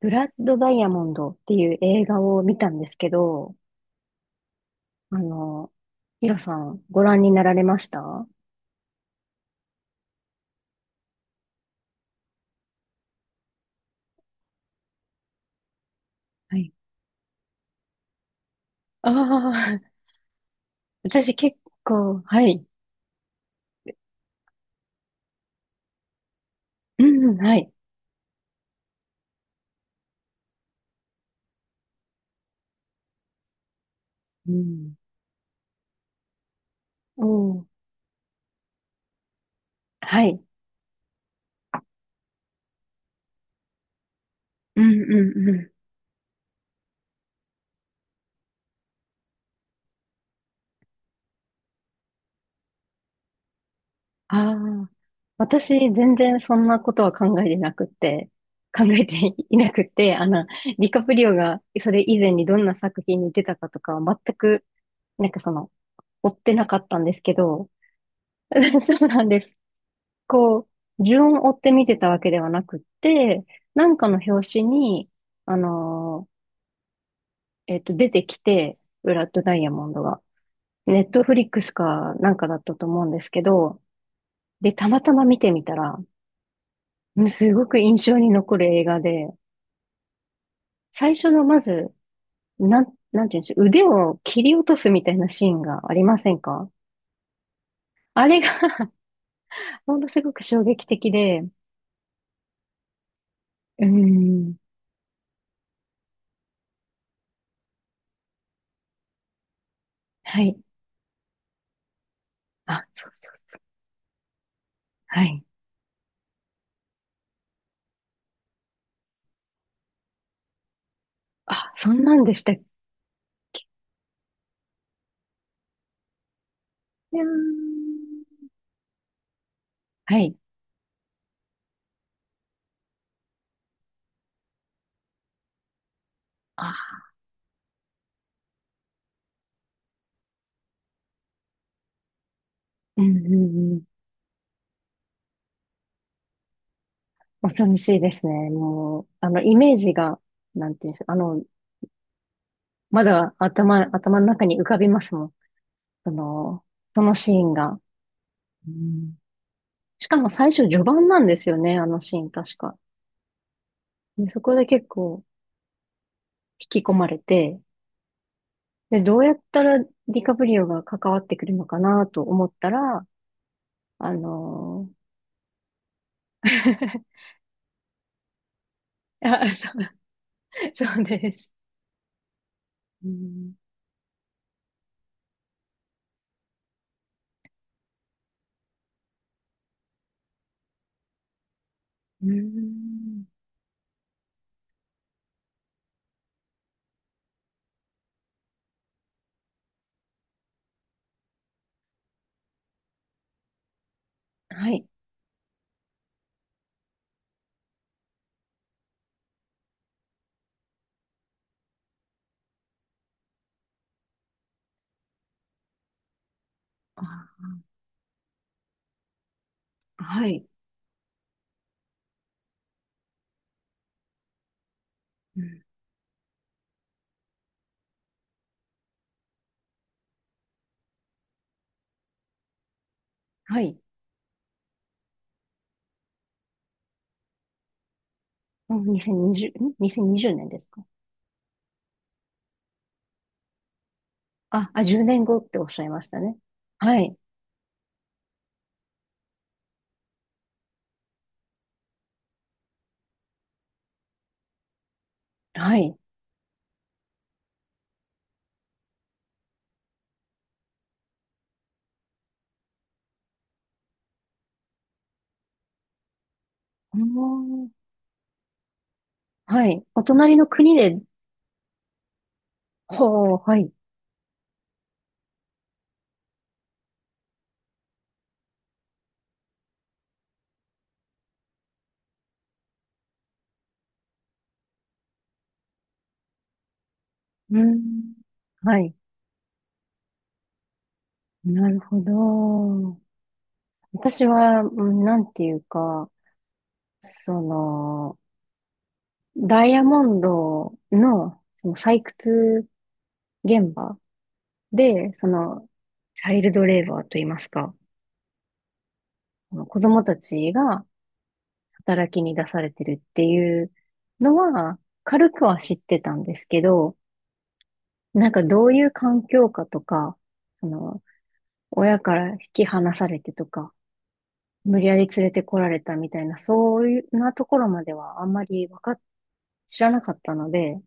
ブラッドダイヤモンドっていう映画を見たんですけど、あの、ヒロさんご覧になられました？はい。ああ、私結構、はい。うん、はい。うん。おー、はい。うん、うん、うん。ああ、私全然そんなことは考えてなくって、考えていなくって、ディカプリオがそれ以前にどんな作品に出たかとかは全く、なんか追ってなかったんですけど、そうなんです。こう、順を追って見てたわけではなくって、なんかの表紙に、あの出てきて、ブラッドダイヤモンドが。ネットフリックスかなんかだったと思うんですけど、で、たまたま見てみたら、うん、すごく印象に残る映画で、最初のまず、なんていうんでしょう、腕を切り落とすみたいなシーンがありませんか？あれが ものすごく衝撃的で、うーん、はい。あ、そうそう。はい。あ、そんなんでしたっ？いやー、はい。あ、うんうんうん。恐ろしいですね。もう、イメージが、なんていうんでしょう。まだ頭の中に浮かびますもん。その、そのシーンが。うん、しかも最初序盤なんですよね、あのシーン確か。で、そこで結構引き込まれて、で、どうやったらディカプリオが関わってくるのかなと思ったら、あのー あ、そう、そうです。うん、うん、はい。あ、はい。うん、はい。うん、2020、ん？ 2020 年ですか？あ、10年後っておっしゃいましたね。はい。はい。うーん、はい。お隣の国で、ほう、はい。うーん。はい。なるほど。私は、うん、なんていうか、その、ダイヤモンドの、その採掘現場で、その、チャイルドレーバーといいますか、あの子供たちが、働きに出されてるっていうのは、軽くは知ってたんですけど、なんかどういう環境かとか、あの、親から引き離されてとか、無理やり連れてこられたみたいな、そういうなところまではあんまりわかっ、知らなかったので、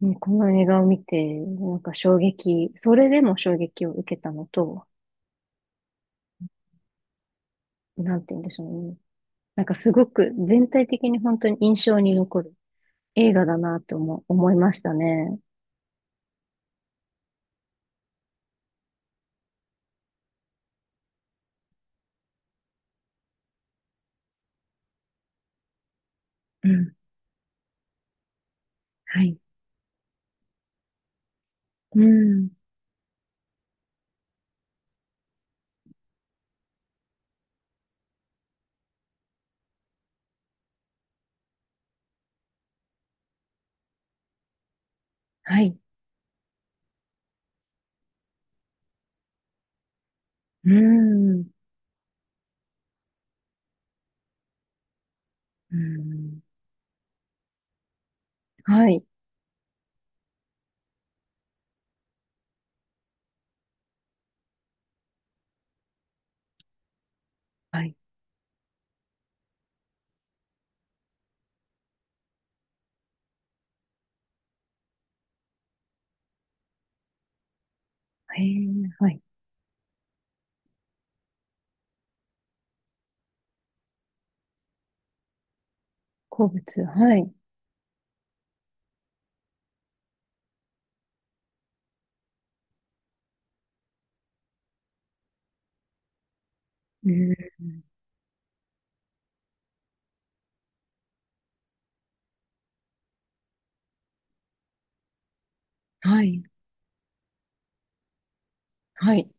うん、この映画を見て、なんかそれでも衝撃を受けたのと、なんて言うんでしょうね。なんかすごく全体的に本当に印象に残る映画だなと思いましたね。うん。はい。うん。はい。うん。うん。はい。はい。へえ、はい。好物。はい。うん。はい。はい。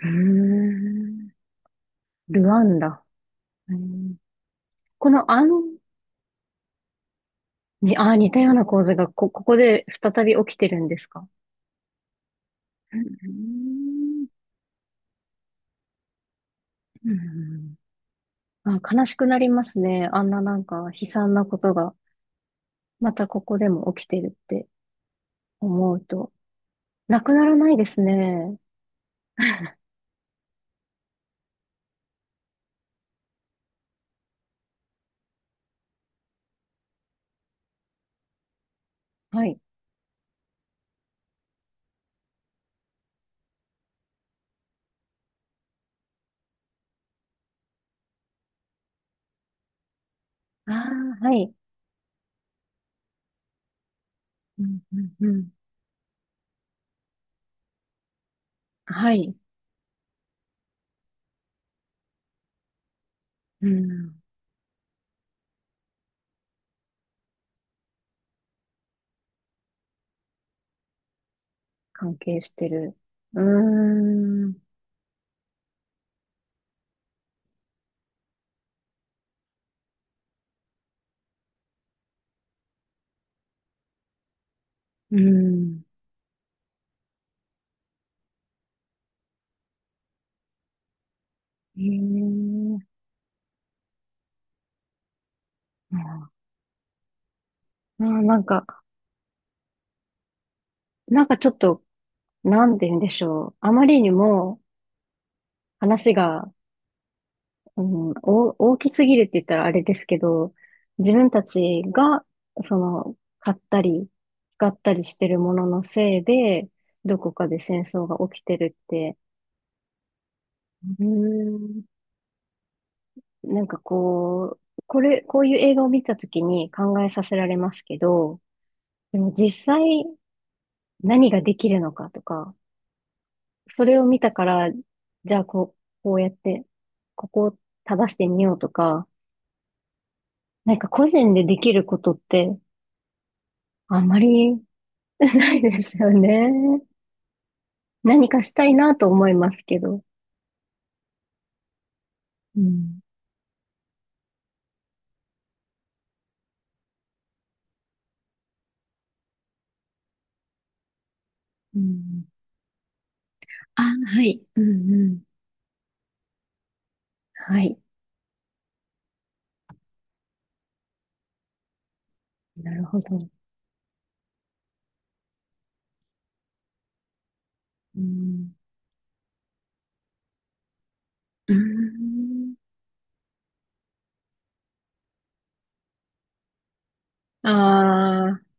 うーん。ルワンダ。うん、このアに、あー、似たような構図がここで再び起きてるんですか？うんうん、あ、悲しくなりますね。あんななんか悲惨なことが、またここでも起きてるって思うと。なくならないですね。はい。ああ、はい。うんうんうん。はい。うん。関係してる。うーん。うん。へえ。ああ、なんか、ちょっと、なんて言うんでしょう。あまりにも話が、うん、お大きすぎるって言ったらあれですけど、自分たちが、買ったり、使ったりしてるもののせいで、どこかで戦争が起きてるって、うーん、なんかこう、こういう映画を見たときに考えさせられますけど、でも実際何ができるのかとか、それを見たから、じゃあこうやって、ここを正してみようとか、なんか個人でできることってあんまり ないですよね。何かしたいなと思いますけど。うん。うん。あ、はい。うんうん。はい。なるほど。うん。うん。ああ。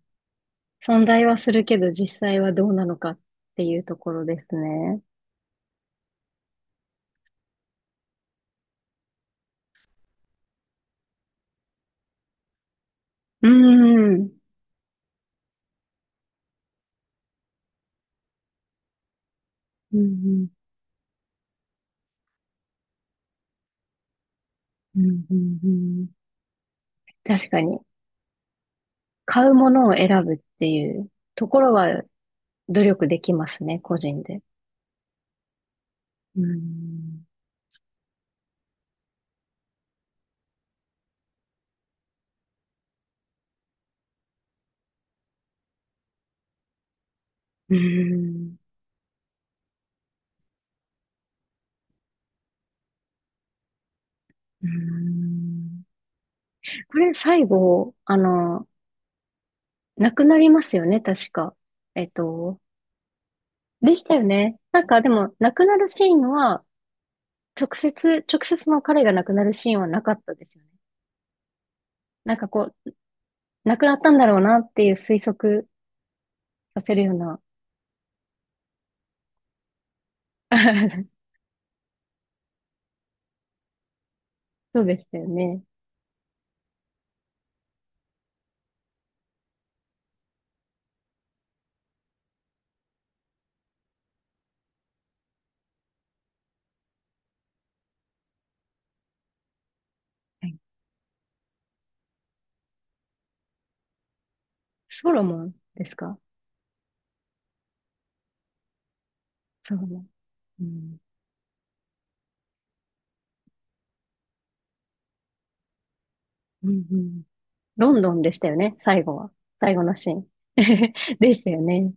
存在はするけど実際はどうなのかっていうところですね。うん。うんうん、うん、うん、うん。確かに、買うものを選ぶっていうところは努力できますね、個人で。うん。うん。うん。これ最後、なくなりますよね、確か。えっと、でしたよね。なんかでも、なくなるシーンは、直接の彼が亡くなるシーンはなかったですよね。なんかこう、なくなったんだろうなっていう推測させるような。そうでしたよね。はい。ソロモンですか？ソロモン。うん。うんうん。ロンドンでしたよね、最後は。最後のシーン。でしたよね。